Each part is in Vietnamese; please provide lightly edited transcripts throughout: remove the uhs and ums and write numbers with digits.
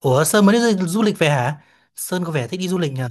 Ủa, Sơn mới đi du du lịch về hả? Sơn có vẻ thích đi du lịch nhỉ?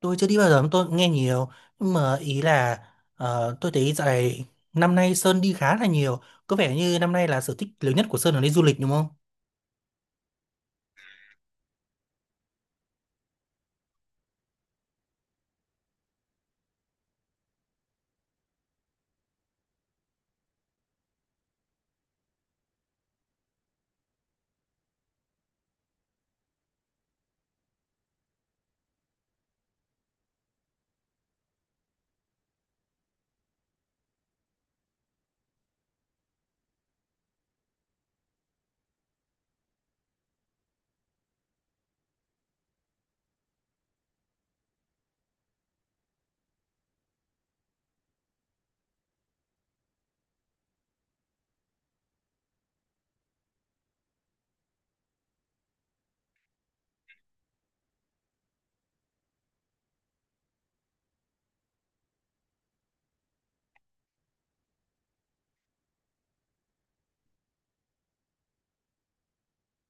Tôi chưa đi bao giờ, mà tôi cũng nghe nhiều. Nhưng mà ý là tôi thấy dạo này năm nay Sơn đi khá là nhiều. Có vẻ như năm nay là sở thích lớn nhất của Sơn là đi du lịch đúng không?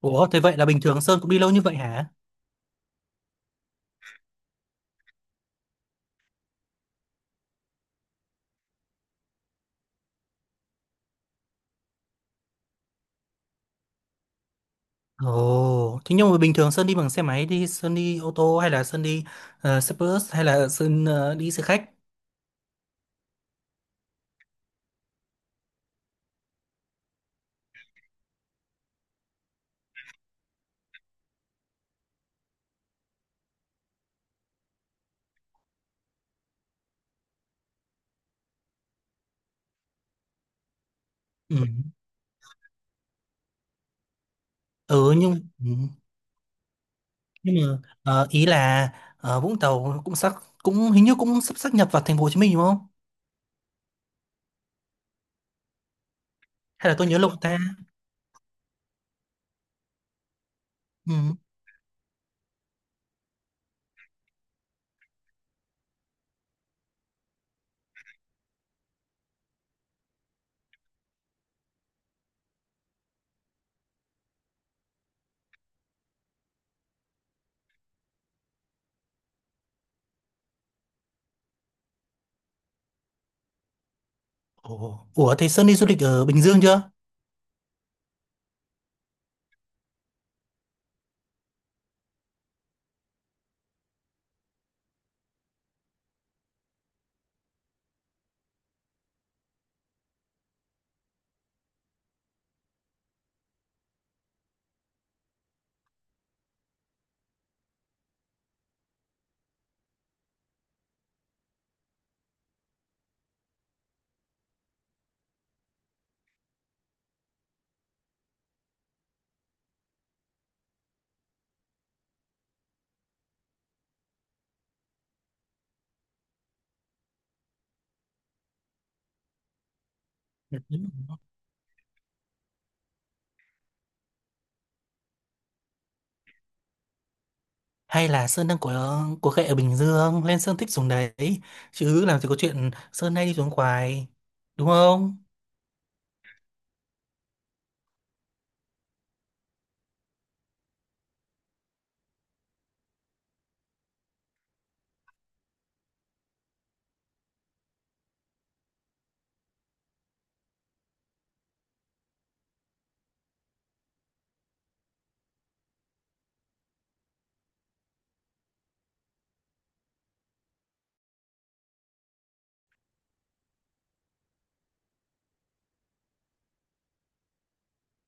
Ủa, thế vậy là bình thường Sơn cũng đi lâu như vậy hả? Ồ, thế nhưng mà bình thường Sơn đi bằng xe máy đi, Sơn đi ô tô hay là Sơn đi xe bus hay là Sơn đi xe khách? Ừ, ừ nhưng ừ. Nhưng mà ý là Vũng Tàu cũng hình như cũng sắp sáp nhập vào thành phố Hồ Chí Minh đúng không? Hay là tôi nhớ lộn ta? Ừ. Ủa, Ủa, thì Sơn đi du lịch ở Bình Dương chưa, hay là Sơn đang có khệ ở Bình Dương lên Sơn thích xuống đấy? Chứ làm gì có chuyện Sơn hay đi xuống Khoái, đúng không?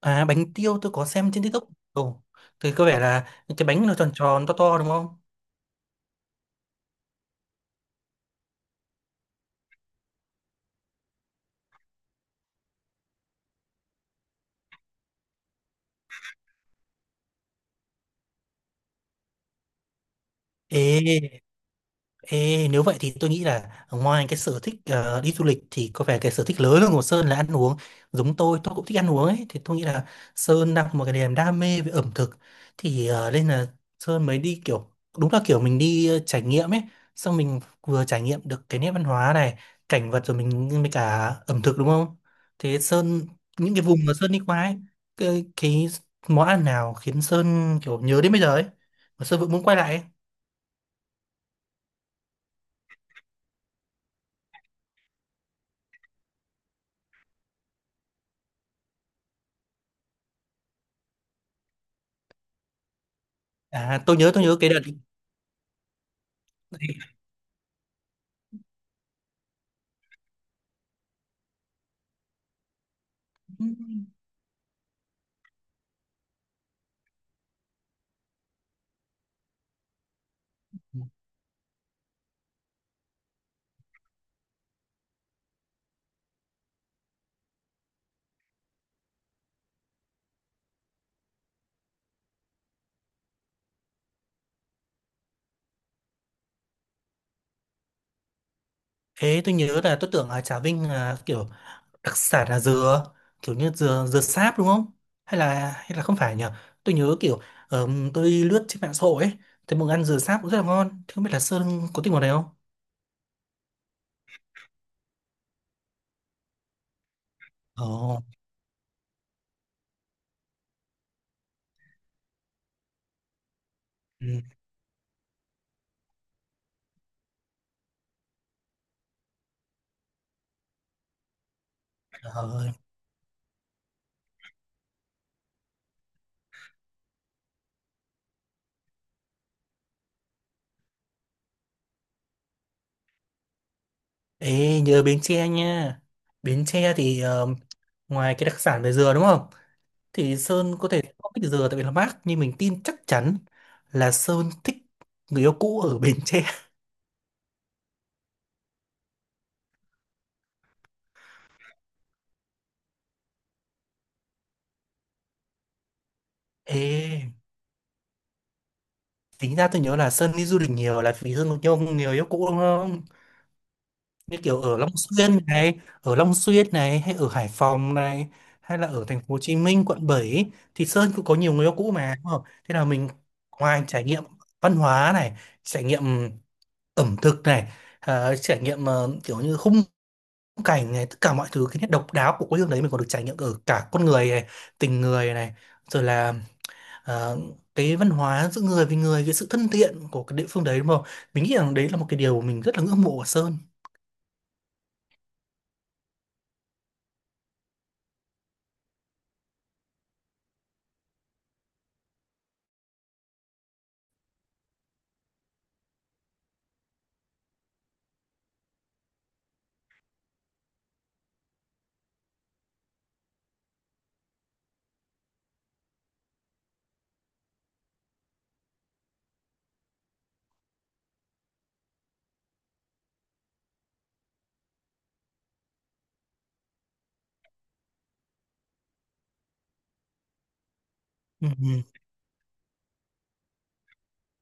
À, bánh tiêu tôi có xem trên TikTok. Ồ, thì có vẻ là những cái bánh nó tròn tròn to to đúng không? Ê Ê, nếu vậy thì tôi nghĩ là ngoài cái sở thích đi du lịch thì có vẻ cái sở thích lớn hơn của Sơn là ăn uống. Giống tôi cũng thích ăn uống ấy. Thì tôi nghĩ là Sơn đang có một cái niềm đam mê về ẩm thực. Thì nên là Sơn mới đi kiểu, đúng là kiểu mình đi trải nghiệm ấy. Xong mình vừa trải nghiệm được cái nét văn hóa này, cảnh vật rồi mình mới cả ẩm thực đúng không? Thế Sơn, những cái vùng mà Sơn đi qua ấy, cái món ăn nào khiến Sơn kiểu nhớ đến bây giờ ấy? Mà Sơn vẫn muốn quay lại ấy. À, tôi nhớ cái đợt. Ừ. Thế tôi nhớ là tôi tưởng ở Trà Vinh là kiểu đặc sản là dừa, kiểu như dừa dừa sáp đúng không? Hay là không phải nhỉ? Tôi nhớ kiểu tôi lướt trên mạng xã hội ấy, thấy mọi người ăn dừa sáp cũng rất là ngon. Thế không biết là Sơn có thích món này không? Ồ, ừ, trời ơi. Ê, nhớ Bến Tre nha. Bến Tre thì ngoài cái đặc sản về dừa đúng không? Thì Sơn có thể không thích dừa tại vì nó mát, nhưng mình tin chắc chắn là Sơn thích người yêu cũ ở Bến Tre. Ê. Tính ra tôi nhớ là Sơn đi du lịch nhiều là vì Sơn có nhiều người yêu cũ đúng không? Như kiểu ở Long Xuyên này, hay ở Hải Phòng này, hay là ở thành phố Hồ Chí Minh, quận 7 ý, thì Sơn cũng có nhiều người yêu cũ mà đúng không? Thế là mình ngoài trải nghiệm văn hóa này, trải nghiệm ẩm thực này, à, trải nghiệm kiểu như khung cảnh này, tất cả mọi thứ cái nét độc đáo của quê hương đấy mình còn được trải nghiệm ở cả con người này, tình người này, rồi là ờ, cái văn hóa giữa người với người, cái sự thân thiện của cái địa phương đấy đúng không? Mình nghĩ rằng đấy là một cái điều mình rất là ngưỡng mộ ở Sơn. Ừ. Ừ.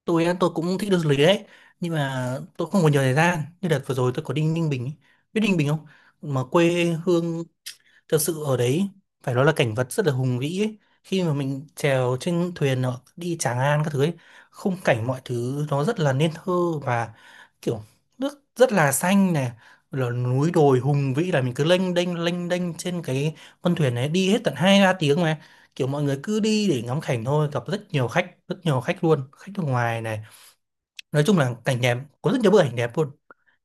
Tôi á, tôi cũng thích đi du lịch đấy, nhưng mà tôi không có nhiều thời gian. Như đợt vừa rồi tôi có đi Ninh Bình ấy. Biết Ninh Bình không? Mà quê hương thực sự ở đấy, phải nói là cảnh vật rất là hùng vĩ ấy. Khi mà mình trèo trên thuyền nó đi Tràng An các thứ ấy, khung cảnh mọi thứ nó rất là nên thơ, và kiểu nước rất là xanh này, là núi đồi hùng vĩ, là mình cứ lênh đênh trên cái con thuyền này đi hết tận hai ba tiếng mà kiểu mọi người cứ đi để ngắm cảnh thôi. Gặp rất nhiều khách, rất nhiều khách luôn, khách nước ngoài này. Nói chung là cảnh đẹp, có rất nhiều bức ảnh đẹp luôn.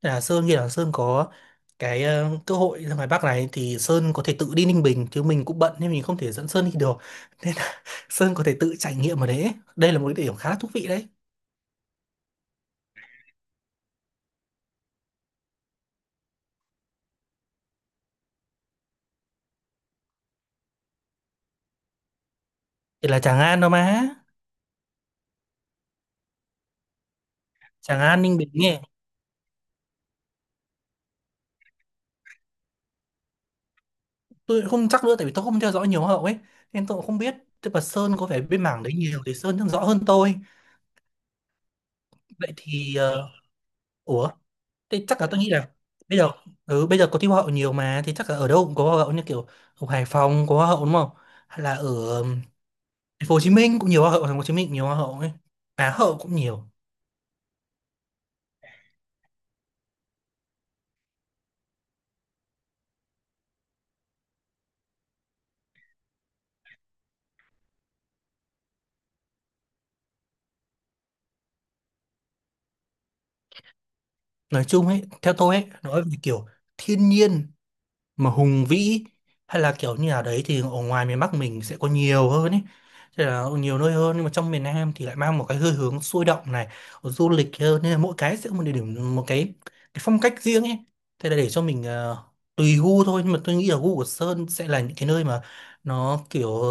Nên là Sơn nghĩ là Sơn có cái cơ hội ra ngoài Bắc này thì Sơn có thể tự đi Ninh Bình, chứ mình cũng bận nên mình không thể dẫn Sơn đi được. Nên là Sơn có thể tự trải nghiệm ở đấy, đây là một cái điểm khá là thú vị đấy. Thì là Tràng An đâu mà. Tràng An Ninh Bình nghe. Tôi không chắc nữa tại vì tôi không theo dõi nhiều hậu ấy, nên tôi cũng không biết. Tức là Sơn có vẻ bên mảng đấy nhiều thì Sơn chắc rõ hơn tôi. Vậy thì ủa. Thế chắc là tôi nghĩ là bây giờ, ừ, bây giờ có thi hoa hậu nhiều mà thì chắc là ở đâu cũng có hoa hậu, như kiểu ở Hải Phòng có hoa hậu đúng không? Hay là ở ừm, thành phố Hồ Chí Minh cũng nhiều hoa hậu, thành phố Hồ Chí Minh cũng nhiều hoa hậu ấy. Á hậu cũng nhiều. Nói chung ấy, theo tôi ấy, nói về kiểu thiên nhiên mà hùng vĩ, hay là kiểu như là đấy, thì ở ngoài miền Bắc mình sẽ có nhiều hơn ấy, thế là nhiều nơi hơn. Nhưng mà trong miền Nam thì lại mang một cái hơi hướng sôi động này, du lịch hơn, nên là mỗi cái sẽ có một địa điểm, một cái phong cách riêng ấy. Thế là để cho mình tùy gu thôi, nhưng mà tôi nghĩ là gu của Sơn sẽ là những cái nơi mà nó kiểu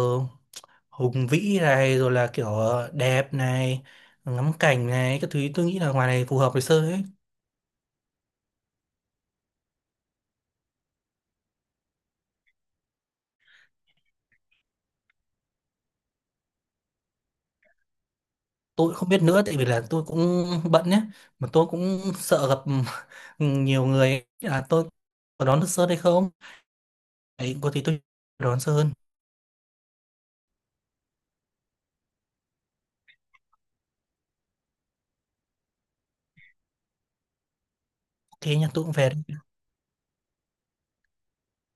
hùng vĩ này rồi là kiểu đẹp này ngắm cảnh này các thứ. Tôi nghĩ là ngoài này phù hợp với Sơn ấy. Tôi không biết nữa tại vì là tôi cũng bận nhé, mà tôi cũng sợ gặp nhiều người à, tôi có đón được sớm hay không ấy. Có thì tôi đón sớm hơn. OK nha, tôi cũng về đây.